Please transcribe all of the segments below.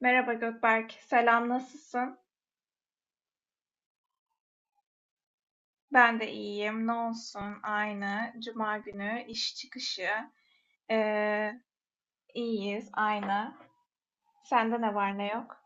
Merhaba Gökberk, selam nasılsın? Ben de iyiyim, ne olsun aynı. Cuma günü iş çıkışı, ee, iyiyiz aynı. Sende ne var ne yok?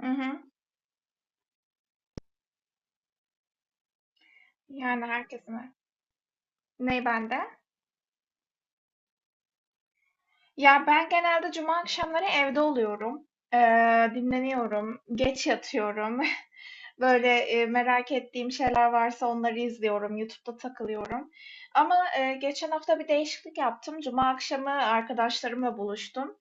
Hı hı. Yani herkesin. Ney bende? Ya ben genelde cuma akşamları evde oluyorum. Dinleniyorum, geç yatıyorum. Böyle, merak ettiğim şeyler varsa onları izliyorum, YouTube'da takılıyorum. Ama, geçen hafta bir değişiklik yaptım. Cuma akşamı arkadaşlarımla buluştum.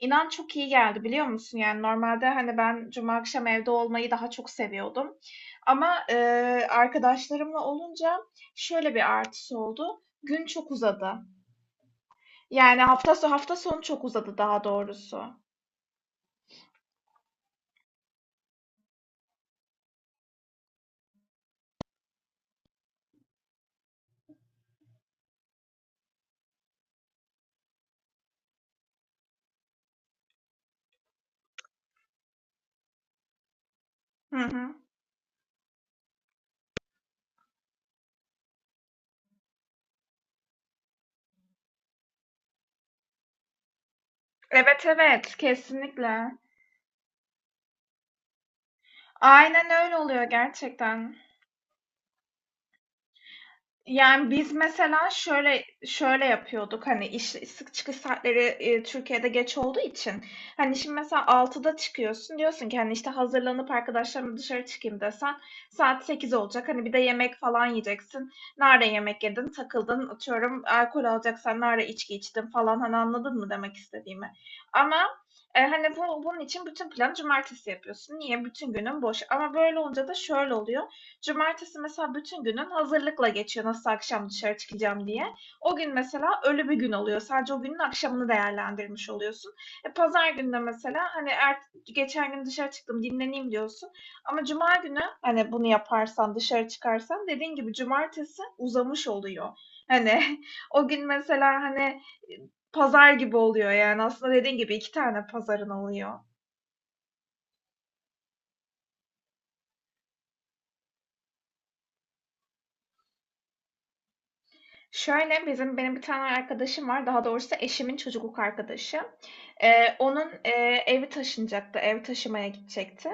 İnan çok iyi geldi, biliyor musun? Yani normalde, hani, ben cuma akşam evde olmayı daha çok seviyordum ama, arkadaşlarımla olunca şöyle bir artısı oldu: Gün çok uzadı. Yani hafta sonu çok uzadı daha doğrusu. Hı hı. Evet evet kesinlikle. Aynen öyle oluyor gerçekten. Yani, biz mesela şöyle şöyle yapıyorduk, hani, iş çıkış saatleri, Türkiye'de geç olduğu için, hani, şimdi mesela 6'da çıkıyorsun, diyorsun ki, hani, işte, hazırlanıp arkadaşlarımla dışarı çıkayım desen saat 8 olacak. Hani, bir de yemek falan yiyeceksin. Nerede yemek yedin, takıldın, atıyorum, alkol alacaksan nerede içki içtin falan, hani, anladın mı demek istediğimi? Ama, hani, bunun için bütün planı cumartesi yapıyorsun. Niye? Bütün günün boş. Ama böyle olunca da şöyle oluyor, cumartesi mesela bütün günün hazırlıkla geçiyor nasıl akşam dışarı çıkacağım diye. O gün mesela ölü bir gün oluyor. Sadece o günün akşamını değerlendirmiş oluyorsun. E, pazar günü mesela hani geçen gün dışarı çıktım dinleneyim diyorsun. Ama cuma günü hani bunu yaparsan dışarı çıkarsan dediğin gibi cumartesi uzamış oluyor. Hani o gün mesela hani pazar gibi oluyor yani aslında dediğin gibi 2 tane pazarın oluyor. Şöyle, bizim benim bir tane arkadaşım var, daha doğrusu eşimin çocukluk arkadaşı. Onun, evi taşınacaktı, ev taşımaya gidecekti.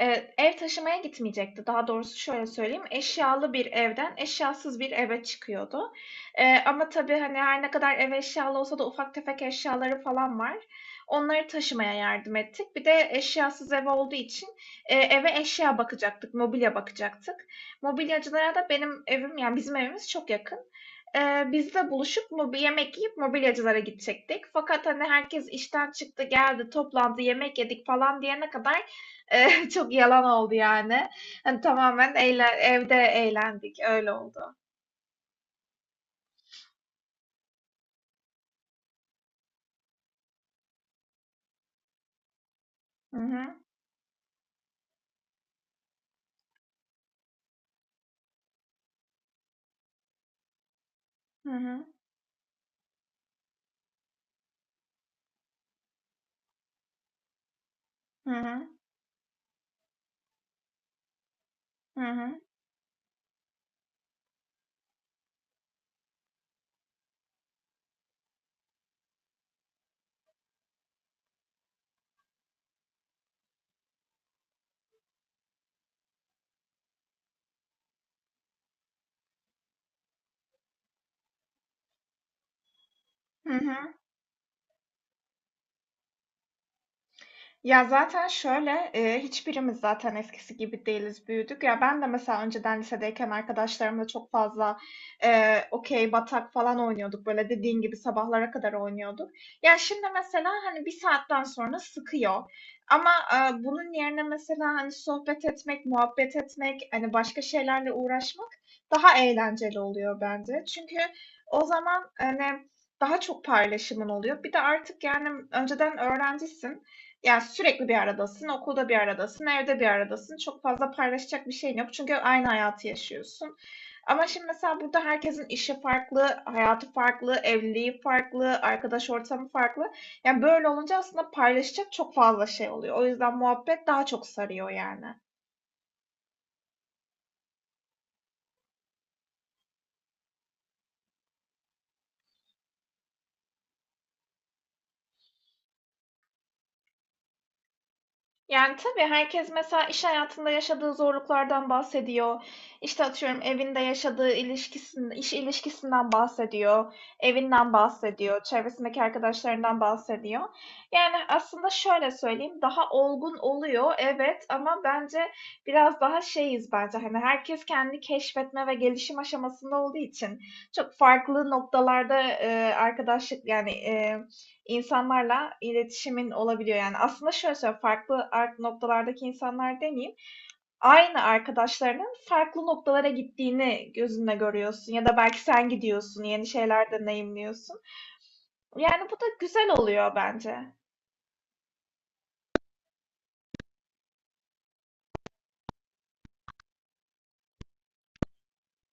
Ev taşımaya gitmeyecekti. Daha doğrusu şöyle söyleyeyim, eşyalı bir evden eşyasız bir eve çıkıyordu. Ama tabii, hani, her ne kadar ev eşyalı olsa da ufak tefek eşyaları falan var. Onları taşımaya yardım ettik. Bir de eşyasız ev olduğu için, eve eşya bakacaktık, mobilya bakacaktık. Mobilyacılara da benim evim, yani bizim evimiz çok yakın. Biz de buluşup yemek yiyip mobilyacılara gidecektik. Fakat, hani, herkes işten çıktı, geldi, toplandı, yemek yedik falan diyene kadar, çok yalan oldu yani. Hani, tamamen evde eğlendik, öyle oldu. Hı hı. Hı hı. Hı hı. Hı hı. Ya, zaten şöyle, hiçbirimiz zaten eskisi gibi değiliz, büyüdük. Ya, ben de mesela önceden lisedeyken arkadaşlarımla çok fazla, okey, batak falan oynuyorduk. Böyle, dediğin gibi sabahlara kadar oynuyorduk. Ya, şimdi mesela, hani, bir saatten sonra sıkıyor ama, bunun yerine mesela, hani, sohbet etmek, muhabbet etmek, hani, başka şeylerle uğraşmak daha eğlenceli oluyor bence. Çünkü o zaman, hani, daha çok paylaşımın oluyor. Bir de artık, yani, önceden öğrencisin. Yani sürekli bir aradasın, okulda bir aradasın, evde bir aradasın. Çok fazla paylaşacak bir şeyin yok çünkü aynı hayatı yaşıyorsun. Ama şimdi mesela burada herkesin işi farklı, hayatı farklı, evliliği farklı, arkadaş ortamı farklı. Yani, böyle olunca aslında paylaşacak çok fazla şey oluyor. O yüzden muhabbet daha çok sarıyor yani. Yani tabii herkes mesela iş hayatında yaşadığı zorluklardan bahsediyor. İşte atıyorum evinde yaşadığı ilişkisinden, iş ilişkisinden bahsediyor, evinden bahsediyor, çevresindeki arkadaşlarından bahsediyor. Yani aslında şöyle söyleyeyim, daha olgun oluyor evet ama bence biraz daha şeyiz bence hani herkes kendi keşfetme ve gelişim aşamasında olduğu için çok farklı noktalarda arkadaşlık yani insanlarla iletişimin olabiliyor. Yani, aslında şöyle söyleyeyim, farklı noktalardaki insanlar demeyeyim, aynı arkadaşlarının farklı noktalara gittiğini gözünle görüyorsun ya da belki sen gidiyorsun, yeni şeyler deneyimliyorsun. Yani, bu da güzel oluyor bence.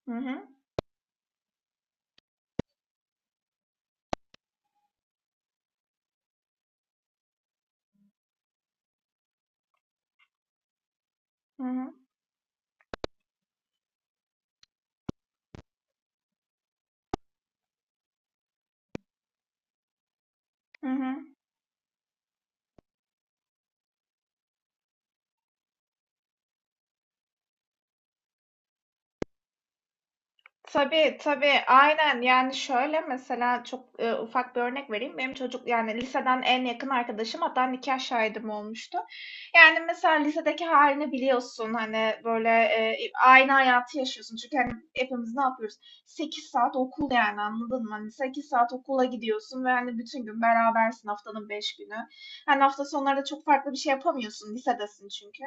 Hı hı. Hı hı. Hı hı. Tabii tabii aynen yani şöyle mesela çok ufak bir örnek vereyim. Benim yani liseden en yakın arkadaşım hatta nikah şahidim olmuştu. Yani mesela lisedeki halini biliyorsun hani böyle aynı hayatı yaşıyorsun. Çünkü hani hepimiz ne yapıyoruz? 8 saat okul yani anladın mı? Hani 8 saat okula gidiyorsun ve hani bütün gün berabersin haftanın 5 günü. Hani hafta sonları da çok farklı bir şey yapamıyorsun lisedesin çünkü.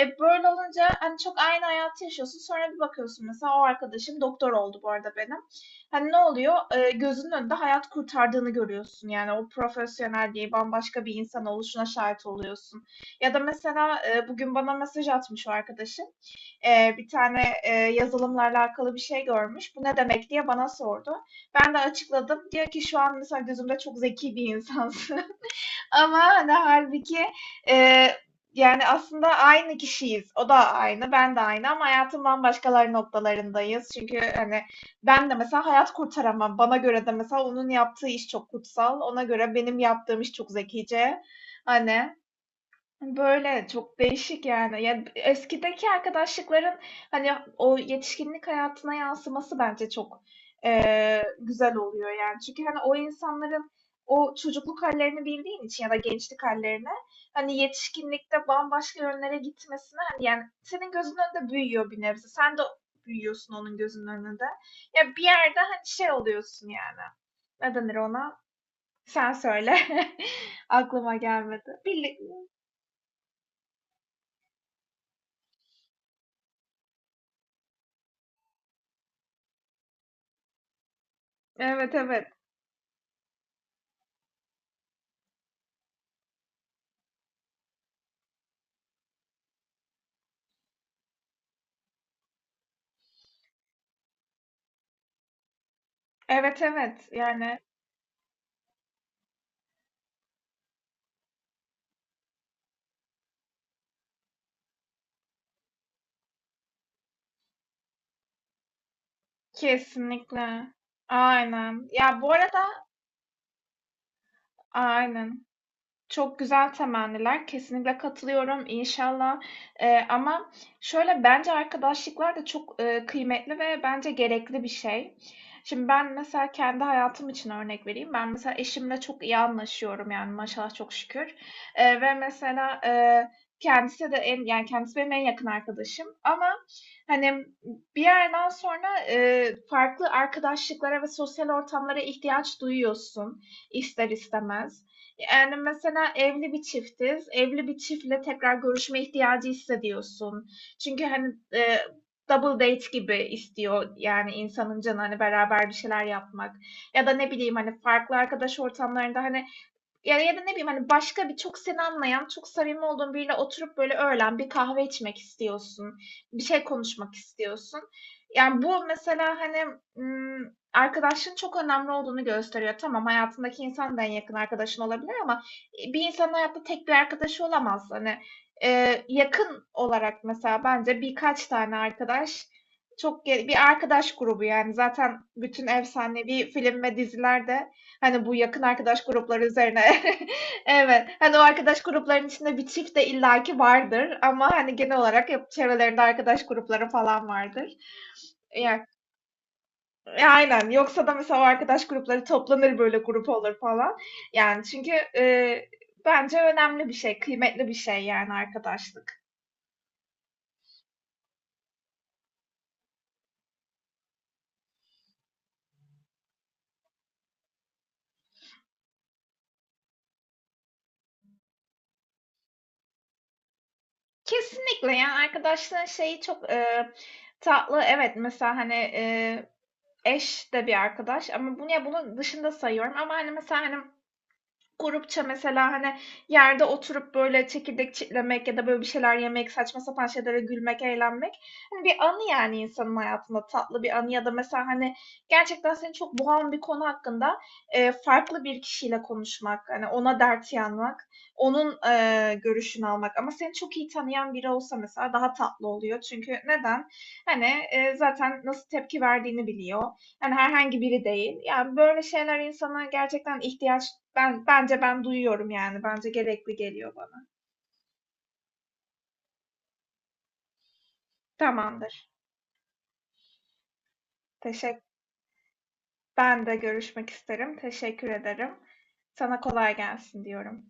E böyle olunca hani çok aynı hayatı yaşıyorsun. Sonra bir bakıyorsun mesela o arkadaşım doktor oldu bu arada benim. Hani ne oluyor? E, gözünün önünde hayat kurtardığını görüyorsun. Yani o profesyonel diye bambaşka bir insan oluşuna şahit oluyorsun. Ya da mesela bugün bana mesaj atmış o arkadaşım. E, bir tane yazılımlarla alakalı bir şey görmüş. Bu ne demek diye bana sordu. Ben de açıkladım. Diyor ki şu an mesela gözümde çok zeki bir insansın. Ama hani halbuki eee, yani aslında aynı kişiyiz. O da aynı, ben de aynı ama hayatın bambaşkalar noktalarındayız. Çünkü, hani, ben de mesela hayat kurtaramam. Bana göre de mesela onun yaptığı iş çok kutsal. Ona göre benim yaptığım iş çok zekice. Hani böyle çok değişik yani. Ya eskideki arkadaşlıkların hani o yetişkinlik hayatına yansıması bence çok güzel oluyor yani. Çünkü hani o insanların o çocukluk hallerini bildiğin için ya da gençlik hallerini hani yetişkinlikte bambaşka yönlere gitmesine hani yani senin gözünün önünde büyüyor bir nebze. Sen de büyüyorsun onun gözünün önünde. Ya bir yerde hani şey oluyorsun yani. Ne denir ona? Sen söyle. Aklıma gelmedi. Birlik... Evet evet. Evet evet yani kesinlikle. Aynen. Ya bu arada aynen. Çok güzel temenniler. Kesinlikle katılıyorum inşallah. Ama şöyle bence arkadaşlıklar da çok, kıymetli ve bence gerekli bir şey. Şimdi ben mesela kendi hayatım için örnek vereyim. Ben mesela eşimle çok iyi anlaşıyorum yani maşallah çok şükür. Ve mesela, kendisi de yani kendisi benim en yakın arkadaşım ama hani bir yerden sonra, farklı arkadaşlıklara ve sosyal ortamlara ihtiyaç duyuyorsun ister istemez. Yani mesela evli bir çiftiz. Evli bir çiftle tekrar görüşme ihtiyacı hissediyorsun. Çünkü hani double date gibi istiyor yani insanın canı hani beraber bir şeyler yapmak. Ya da ne bileyim hani farklı arkadaş ortamlarında hani ya ya da ne bileyim, hani, başka bir çok seni anlayan, çok samimi olduğun biriyle oturup, böyle, öğlen bir kahve içmek istiyorsun, bir şey konuşmak istiyorsun. Yani, bu mesela, hani, arkadaşlığın çok önemli olduğunu gösteriyor. Tamam, hayatındaki insan da en yakın arkadaşın olabilir ama, bir insanın hayatta tek bir arkadaşı olamaz. Hani, yakın olarak mesela bence birkaç tane arkadaş çok ge bir arkadaş grubu, yani, zaten bütün efsanevi film ve diziler hani bu yakın arkadaş grupları üzerine. Evet. Hani o arkadaş gruplarının içinde bir çift de illaki vardır ama hani genel olarak hep çevrelerinde arkadaş grupları falan vardır. Yani, aynen. Yoksa da mesela o arkadaş grupları toplanır böyle grup olur falan. Yani çünkü e, bence önemli bir şey, kıymetli bir şey yani arkadaşlık. Kesinlikle yani arkadaşlığın şeyi çok tatlı. Evet mesela hani eş de bir arkadaş ama bunu ya bunun dışında sayıyorum ama hani mesela hani grupça mesela, hani, yerde oturup, böyle, çekirdek çitlemek ya da, böyle, bir şeyler yemek, saçma sapan şeylere gülmek, eğlenmek, hani, bir anı yani insanın hayatında tatlı bir anı ya da mesela, hani, gerçekten seni çok boğan bir konu hakkında, farklı bir kişiyle konuşmak, hani, ona dert yanmak, onun, görüşünü almak ama seni çok iyi tanıyan biri olsa mesela daha tatlı oluyor. Çünkü neden? Hani, zaten nasıl tepki verdiğini biliyor. Yani herhangi biri değil. Yani böyle şeyler insana gerçekten ihtiyaç bence ben duyuyorum yani. Bence gerekli geliyor bana. Tamamdır. Teşekkür. Ben de görüşmek isterim. Teşekkür ederim. Sana kolay gelsin diyorum.